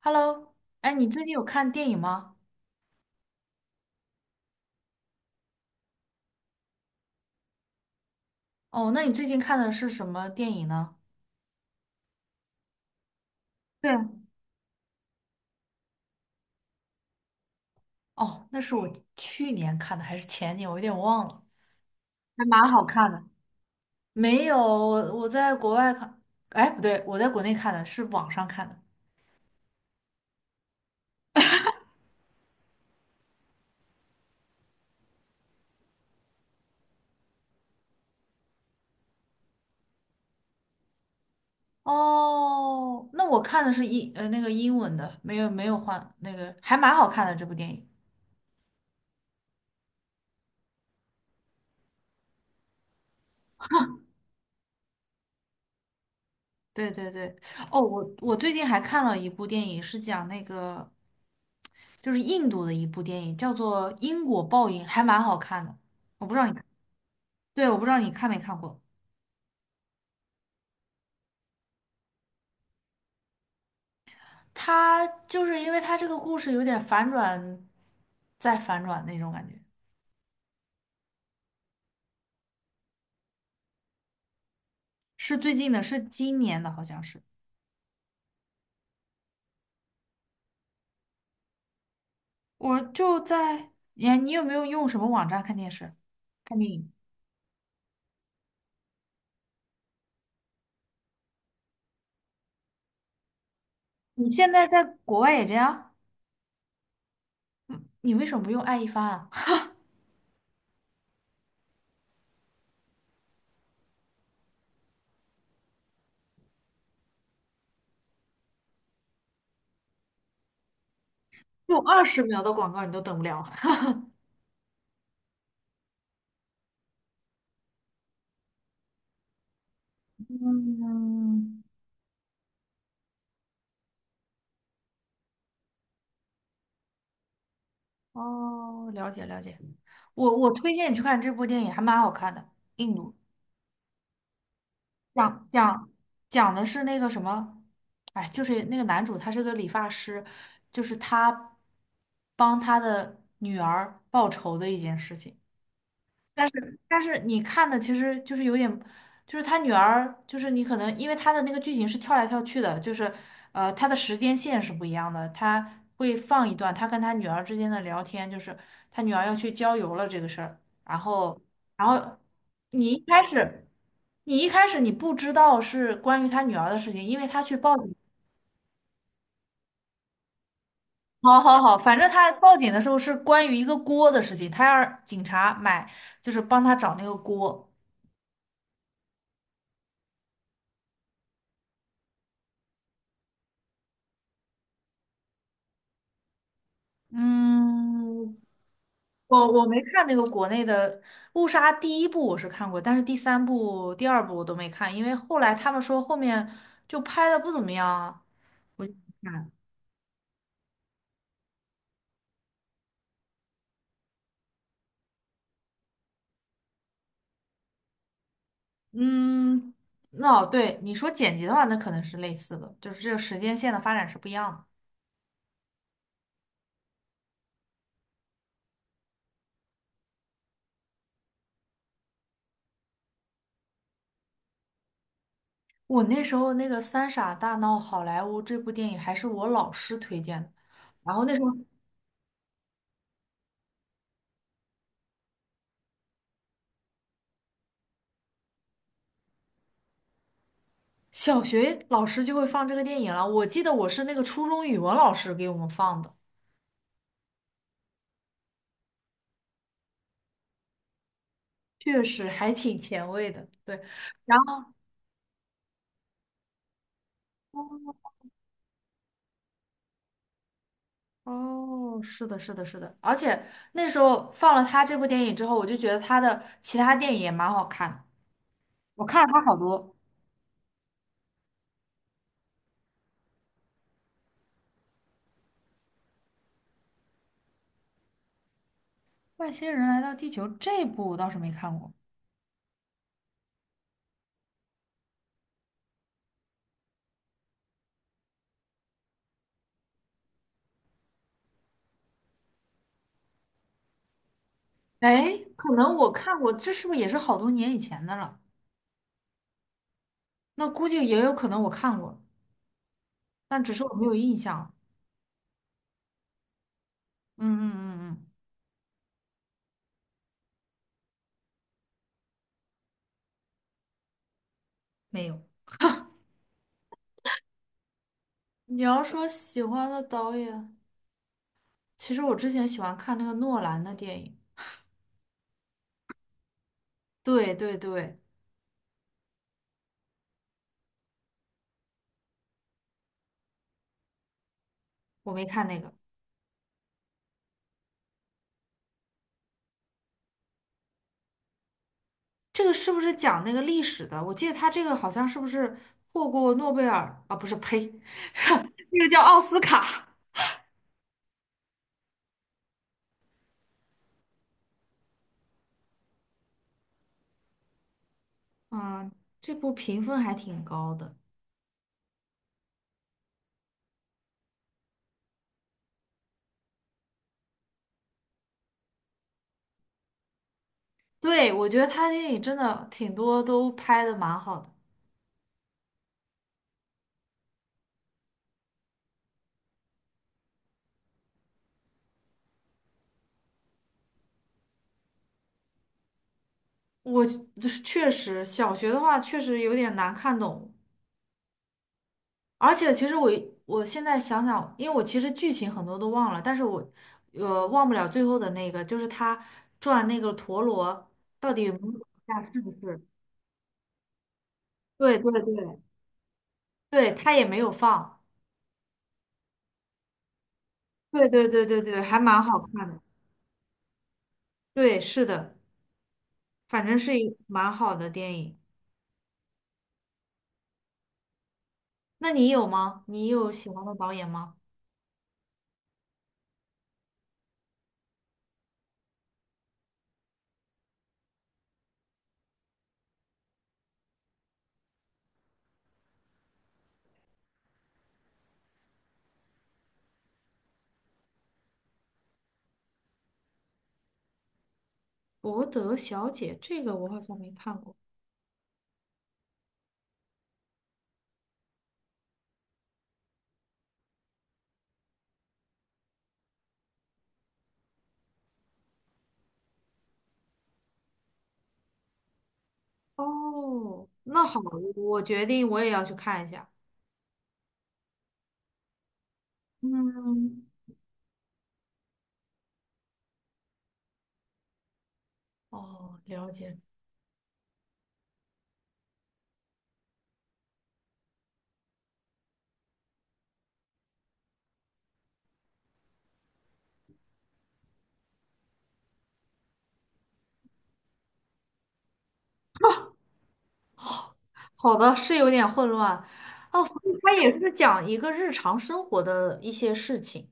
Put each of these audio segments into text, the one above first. Hello，哎，你最近有看电影吗？哦，那你最近看的是什么电影呢？对，哦，那是我去年看的还是前年，我有点忘了。还蛮好看的。没有，我在国外看，哎，不对，我在国内看的是网上看的。哦，那我看的是那个英文的，没有换那个，还蛮好看的这部电影。对对对，哦，我最近还看了一部电影，是讲那个就是印度的一部电影，叫做《因果报应》，还蛮好看的。我不知道你，对，我不知道你看没看过。它就是因为它这个故事有点反转，再反转那种感觉。是最近的，是今年的，好像是。我就在，你有没有用什么网站看电视、看电影？你现在在国外也这样？你为什么不用爱一帆啊？就20秒的广告你都等不了。嗯，哦，了解了解。我推荐你去看这部电影，还蛮好看的。印度讲讲讲的是那个什么，哎，就是那个男主他是个理发师，就是他帮他的女儿报仇的一件事情。但是你看的其实就是有点，就是他女儿，就是你可能因为他的那个剧情是跳来跳去的，就是他的时间线是不一样的，他会放一段他跟他女儿之间的聊天，就是他女儿要去郊游了这个事儿，然后然后你一开始你一开始你不知道是关于他女儿的事情，因为他去报警。好好好，反正他报警的时候是关于一个锅的事情，他让警察买，就是帮他找那个锅。嗯，我没看那个国内的《误杀》第1部，我是看过，但是第3部、第2部我都没看，因为后来他们说后面就拍的不怎么样啊，我就没看。嗯，那、对你说剪辑的话，那可能是类似的，就是这个时间线的发展是不一样的。我那时候那个《三傻大闹好莱坞》这部电影还是我老师推荐的，然后那时候小学老师就会放这个电影了，我记得我是那个初中语文老师给我们放的。确实还挺前卫的，对。然后，哦，是的，是的，是的，而且那时候放了他这部电影之后，我就觉得他的其他电影也蛮好看的，我看了他好多。外星人来到地球这部我倒是没看过，哎，可能我看过，这是不是也是好多年以前的了？那估计也有可能我看过，但只是我没有印象了嗯嗯嗯嗯，没有。你要说喜欢的导演，其实我之前喜欢看那个诺兰的电影，对对对，我没看那个。这个是不是讲那个历史的？我记得他这个好像是不是获过诺贝尔啊？不是，呸，那个叫奥斯卡。嗯，这部评分还挺高的。对，我觉得他电影真的挺多都拍的蛮好的。我就是确实小学的话确实有点难看懂，而且其实我我现在想想，因为我其实剧情很多都忘了，但是我忘不了最后的那个，就是他转那个陀螺到底有没有往下是不是？对对对。对，他也没有放。对对对对对，还蛮好看的。对，是的，反正是一蛮好的电影。那你有吗？你有喜欢的导演吗？《博德小姐》这个我好像没看过。哦，那好，我决定我也要去看一下。嗯，哦，了解。好的，是有点混乱。哦，所以它也是讲一个日常生活的一些事情。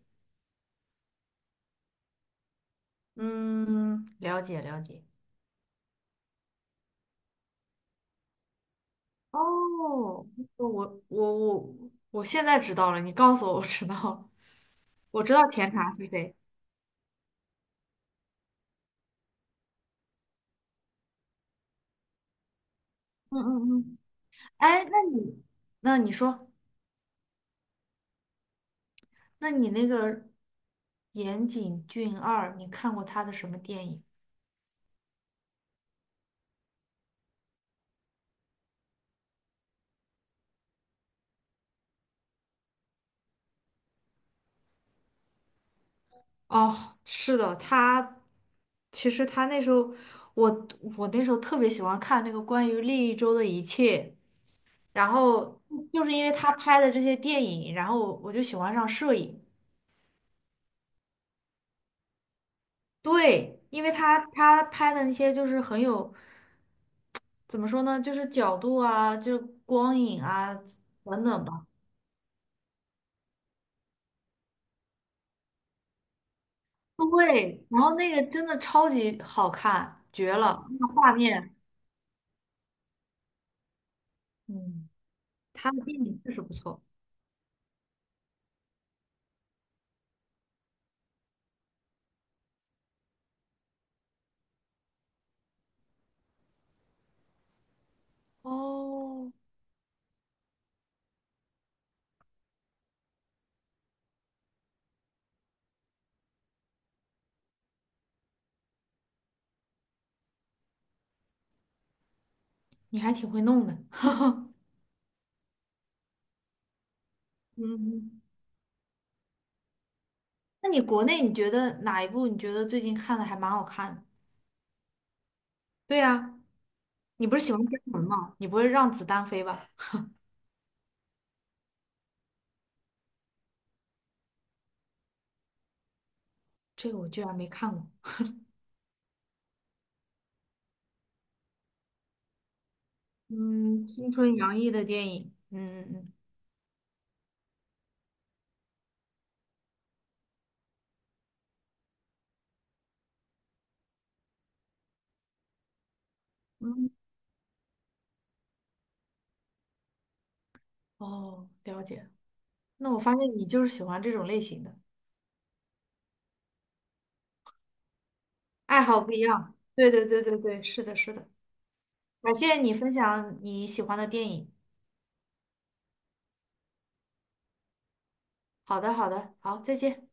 嗯，了解了解。哦，我我我我现在知道了，你告诉我，我知道了我知道甜茶是谁。嗯嗯嗯，哎，那你那你说，那你那个岩井俊二，你看过他的什么电影？哦，是的，他其实他那时候，我我那时候特别喜欢看那个关于利一周的一切，然后就是因为他拍的这些电影，然后我就喜欢上摄影。对，因为他拍的那些就是很有，怎么说呢，就是角度啊，就是光影啊等等吧。对，然后那个真的超级好看，绝了，那个画面，嗯，他的电影确实不错，哦，你还挺会弄的，哈哈。嗯，那你国内你觉得哪一部你觉得最近看的还蛮好看的？对呀，你不是喜欢姜文吗？你不会让子弹飞吧？这个我居然没看过。嗯，青春洋溢的电影，嗯嗯嗯。嗯，哦，了解。那我发现你就是喜欢这种类型的，爱好不一样。对对对对对，是的，是的。感谢你分享你喜欢的电影。好的，好的，好，再见。